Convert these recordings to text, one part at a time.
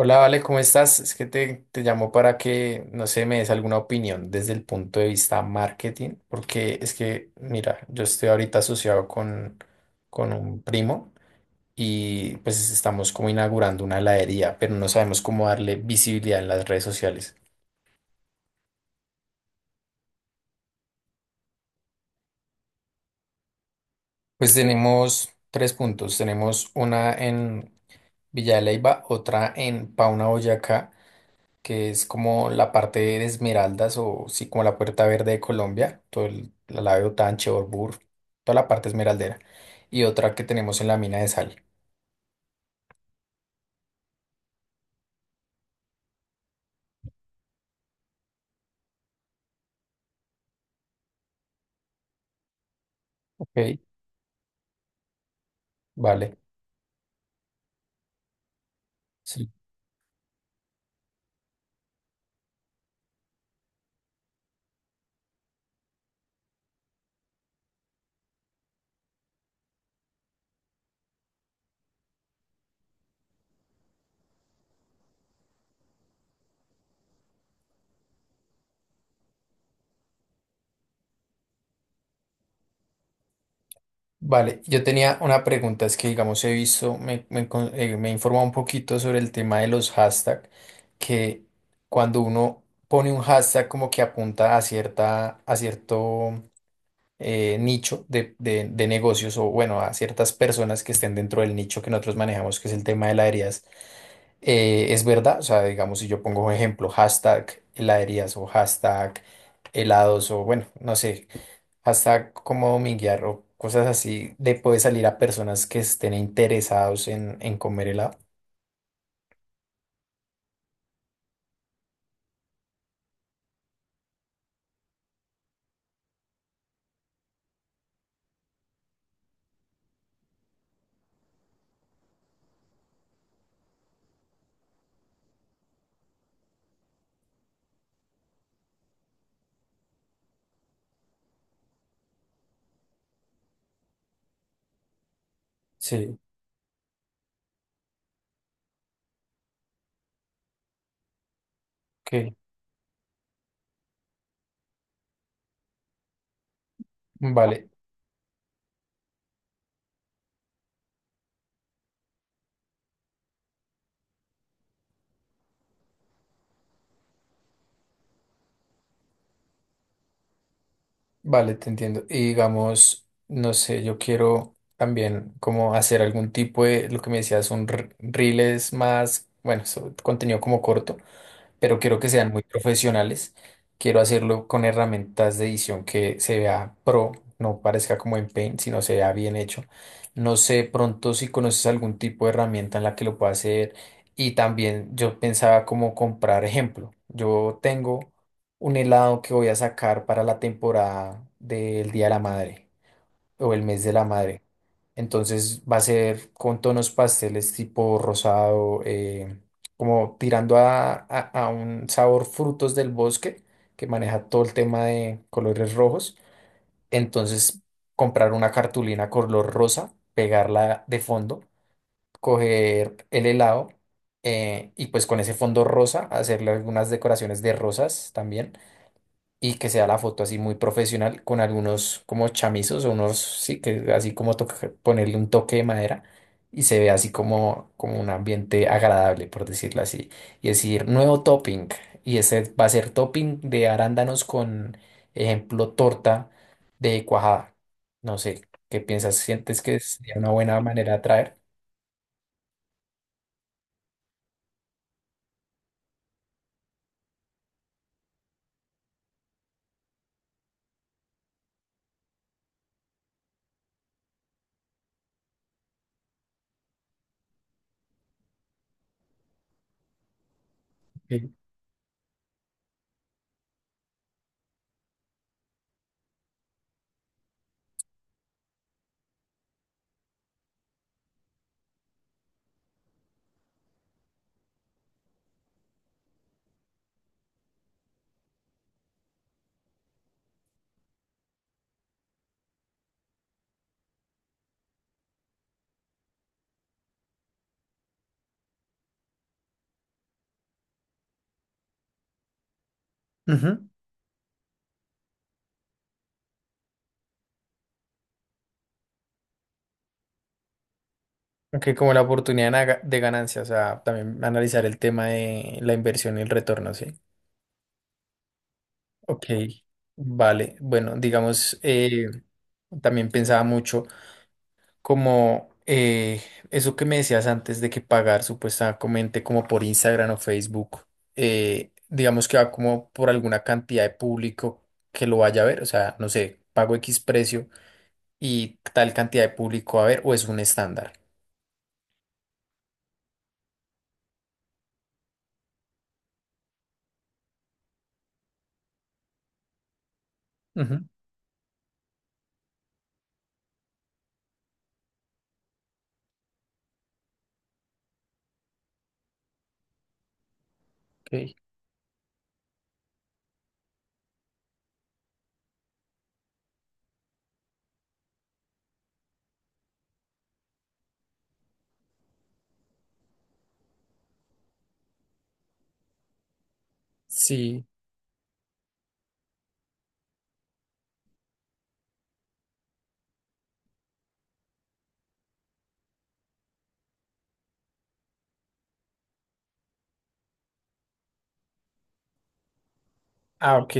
Hola, Vale, ¿cómo estás? Es que te llamo para que, no sé, me des alguna opinión desde el punto de vista marketing, porque es que, mira, yo estoy ahorita asociado con un primo y pues estamos como inaugurando una heladería, pero no sabemos cómo darle visibilidad en las redes sociales. Pues tenemos tres puntos. Tenemos una en Villa de Leyva, otra en Pauna, Boyacá, que es como la parte de Esmeraldas o sí, como la Puerta Verde de Colombia, todo el, la Lave Otanche, Orbur, toda la parte esmeraldera. Y otra que tenemos en la mina de sal. Ok, vale. Sí. Vale, yo tenía una pregunta, es que digamos he visto, me he informado un poquito sobre el tema de los hashtags, que cuando uno pone un hashtag como que apunta a cierta, a cierto nicho de negocios o bueno, a ciertas personas que estén dentro del nicho que nosotros manejamos, que es el tema de heladerías, es verdad. O sea, digamos, si yo pongo un ejemplo, hashtag heladerías o hashtag helados o bueno, no sé, hashtag como dominguear o cosas así, le puede salir a personas que estén interesados en comer helado. Sí, ok, vale. Vale, te entiendo. Y digamos, no sé, yo quiero también como hacer algún tipo de, lo que me decías, reels más, bueno, so- contenido como corto, pero quiero que sean muy profesionales. Quiero hacerlo con herramientas de edición que se vea pro, no parezca como en Paint, sino se vea bien hecho. No sé pronto si conoces algún tipo de herramienta en la que lo pueda hacer. Y también yo pensaba como comprar ejemplo. Yo tengo un helado que voy a sacar para la temporada del Día de la Madre o el mes de la madre. Entonces va a ser con tonos pasteles tipo rosado, como tirando a, a un sabor frutos del bosque, que maneja todo el tema de colores rojos. Entonces comprar una cartulina color rosa, pegarla de fondo, coger el helado, y pues con ese fondo rosa hacerle algunas decoraciones de rosas también, y que sea la foto así muy profesional con algunos como chamizos o unos, sí, que así como toca- ponerle un toque de madera y se ve así como, como un ambiente agradable, por decirlo así. Y decir, nuevo topping. Y ese va a ser topping de arándanos con, ejemplo, torta de cuajada. No sé, ¿qué piensas? ¿Sientes que sería una buena manera de atraer? Ok. Ujú. Ok, como la oportunidad de na- de ganancia, o sea, también analizar el tema de la inversión y el retorno, ¿sí? Ok, vale. Bueno, digamos, también pensaba mucho como eso que me decías antes de que pagar supuestamente como por Instagram o Facebook, digamos que va como por alguna cantidad de público que lo vaya a ver, o sea, no sé, pago X precio y tal cantidad de público va a ver o es un estándar. Ujú, ok. Sí. Ah, ok.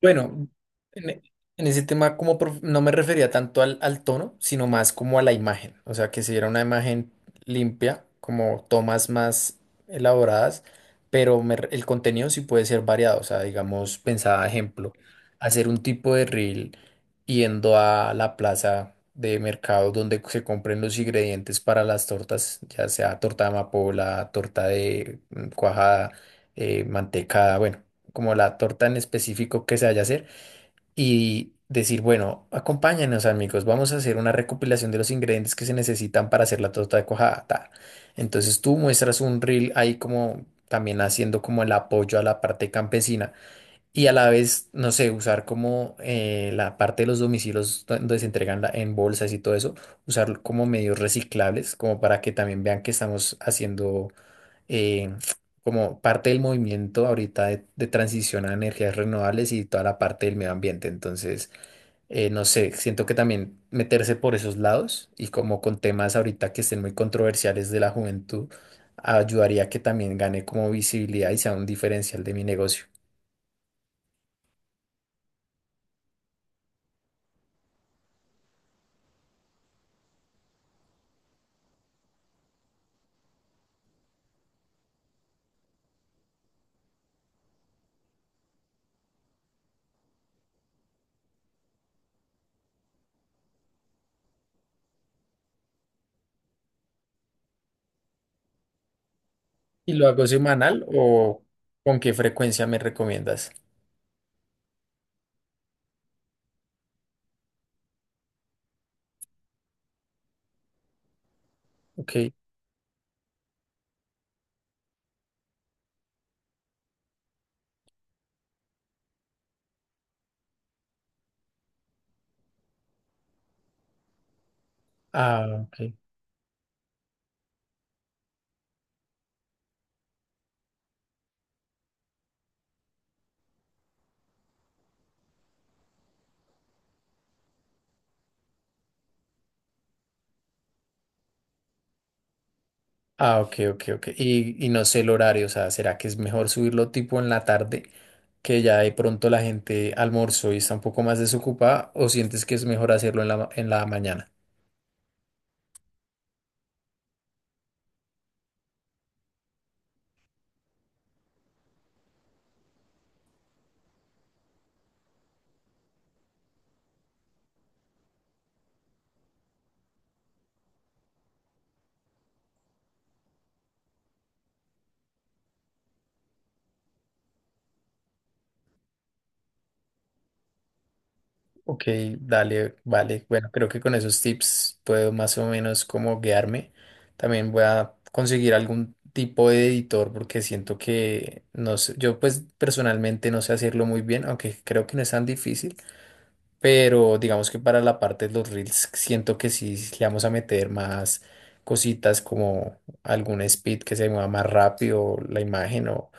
Bueno, en, e- en ese tema como prof- no me refería tanto al, al tono, sino más como a la imagen. O sea, que si era una imagen limpia, como tomas más elaboradas, pero me re- el contenido sí puede ser variado. O sea, digamos, pensaba, ejemplo, hacer un tipo de reel yendo a la plaza de mercado donde se compren los ingredientes para las tortas, ya sea torta de amapola, torta de cuajada, mantecada, bueno, como la torta en específico que se vaya a hacer y decir, bueno, acompáñenos amigos, vamos a hacer una recopilación de los ingredientes que se necesitan para hacer la torta de cuajada. Ta". Entonces tú muestras un reel ahí como también haciendo como el apoyo a la parte campesina y a la vez, no sé, usar como la parte de los domicilios do- donde se entregan la- en bolsas y todo eso, usar como medios reciclables, como para que también vean que estamos haciendo eh, como parte del movimiento ahorita de transición a energías renovables y toda la parte del medio ambiente. Entonces, no sé, siento que también meterse por esos lados y como con temas ahorita que estén muy controversiales de la juventud, ayudaría a que también gane como visibilidad y sea un diferencial de mi negocio. ¿Y lo hago semanal o con qué frecuencia me recomiendas? Ok. Ah, ok. Ah, ok, ok, ok. Y no sé el horario, o sea, ¿será que es mejor subirlo tipo en la tarde, que ya de pronto la gente almorzó y está un poco más desocupada, o sientes que es mejor hacerlo en la, ma- en la mañana? Ok, dale, vale. Bueno, creo que con esos tips puedo más o menos como guiarme. También voy a conseguir algún tipo de editor porque siento que no sé, yo pues personalmente no sé hacerlo muy bien, aunque creo que no es tan difícil. Pero digamos que para la parte de los reels siento que sí le vamos a meter más cositas como algún speed que se mueva más rápido la imagen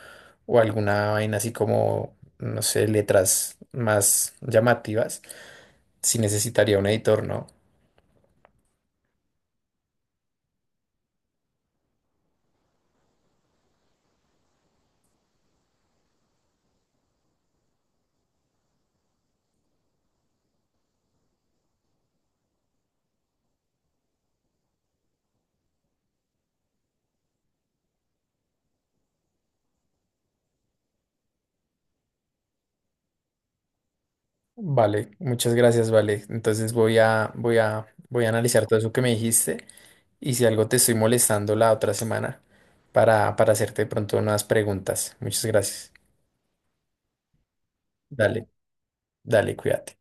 o alguna vaina así como, no sé, letras más llamativas. Si necesitaría un editor, ¿no? Vale, muchas gracias, vale. Entonces voy a analizar todo eso que me dijiste y si algo te estoy molestando la otra semana para hacerte de pronto unas preguntas. Muchas gracias. Dale, dale, cuídate.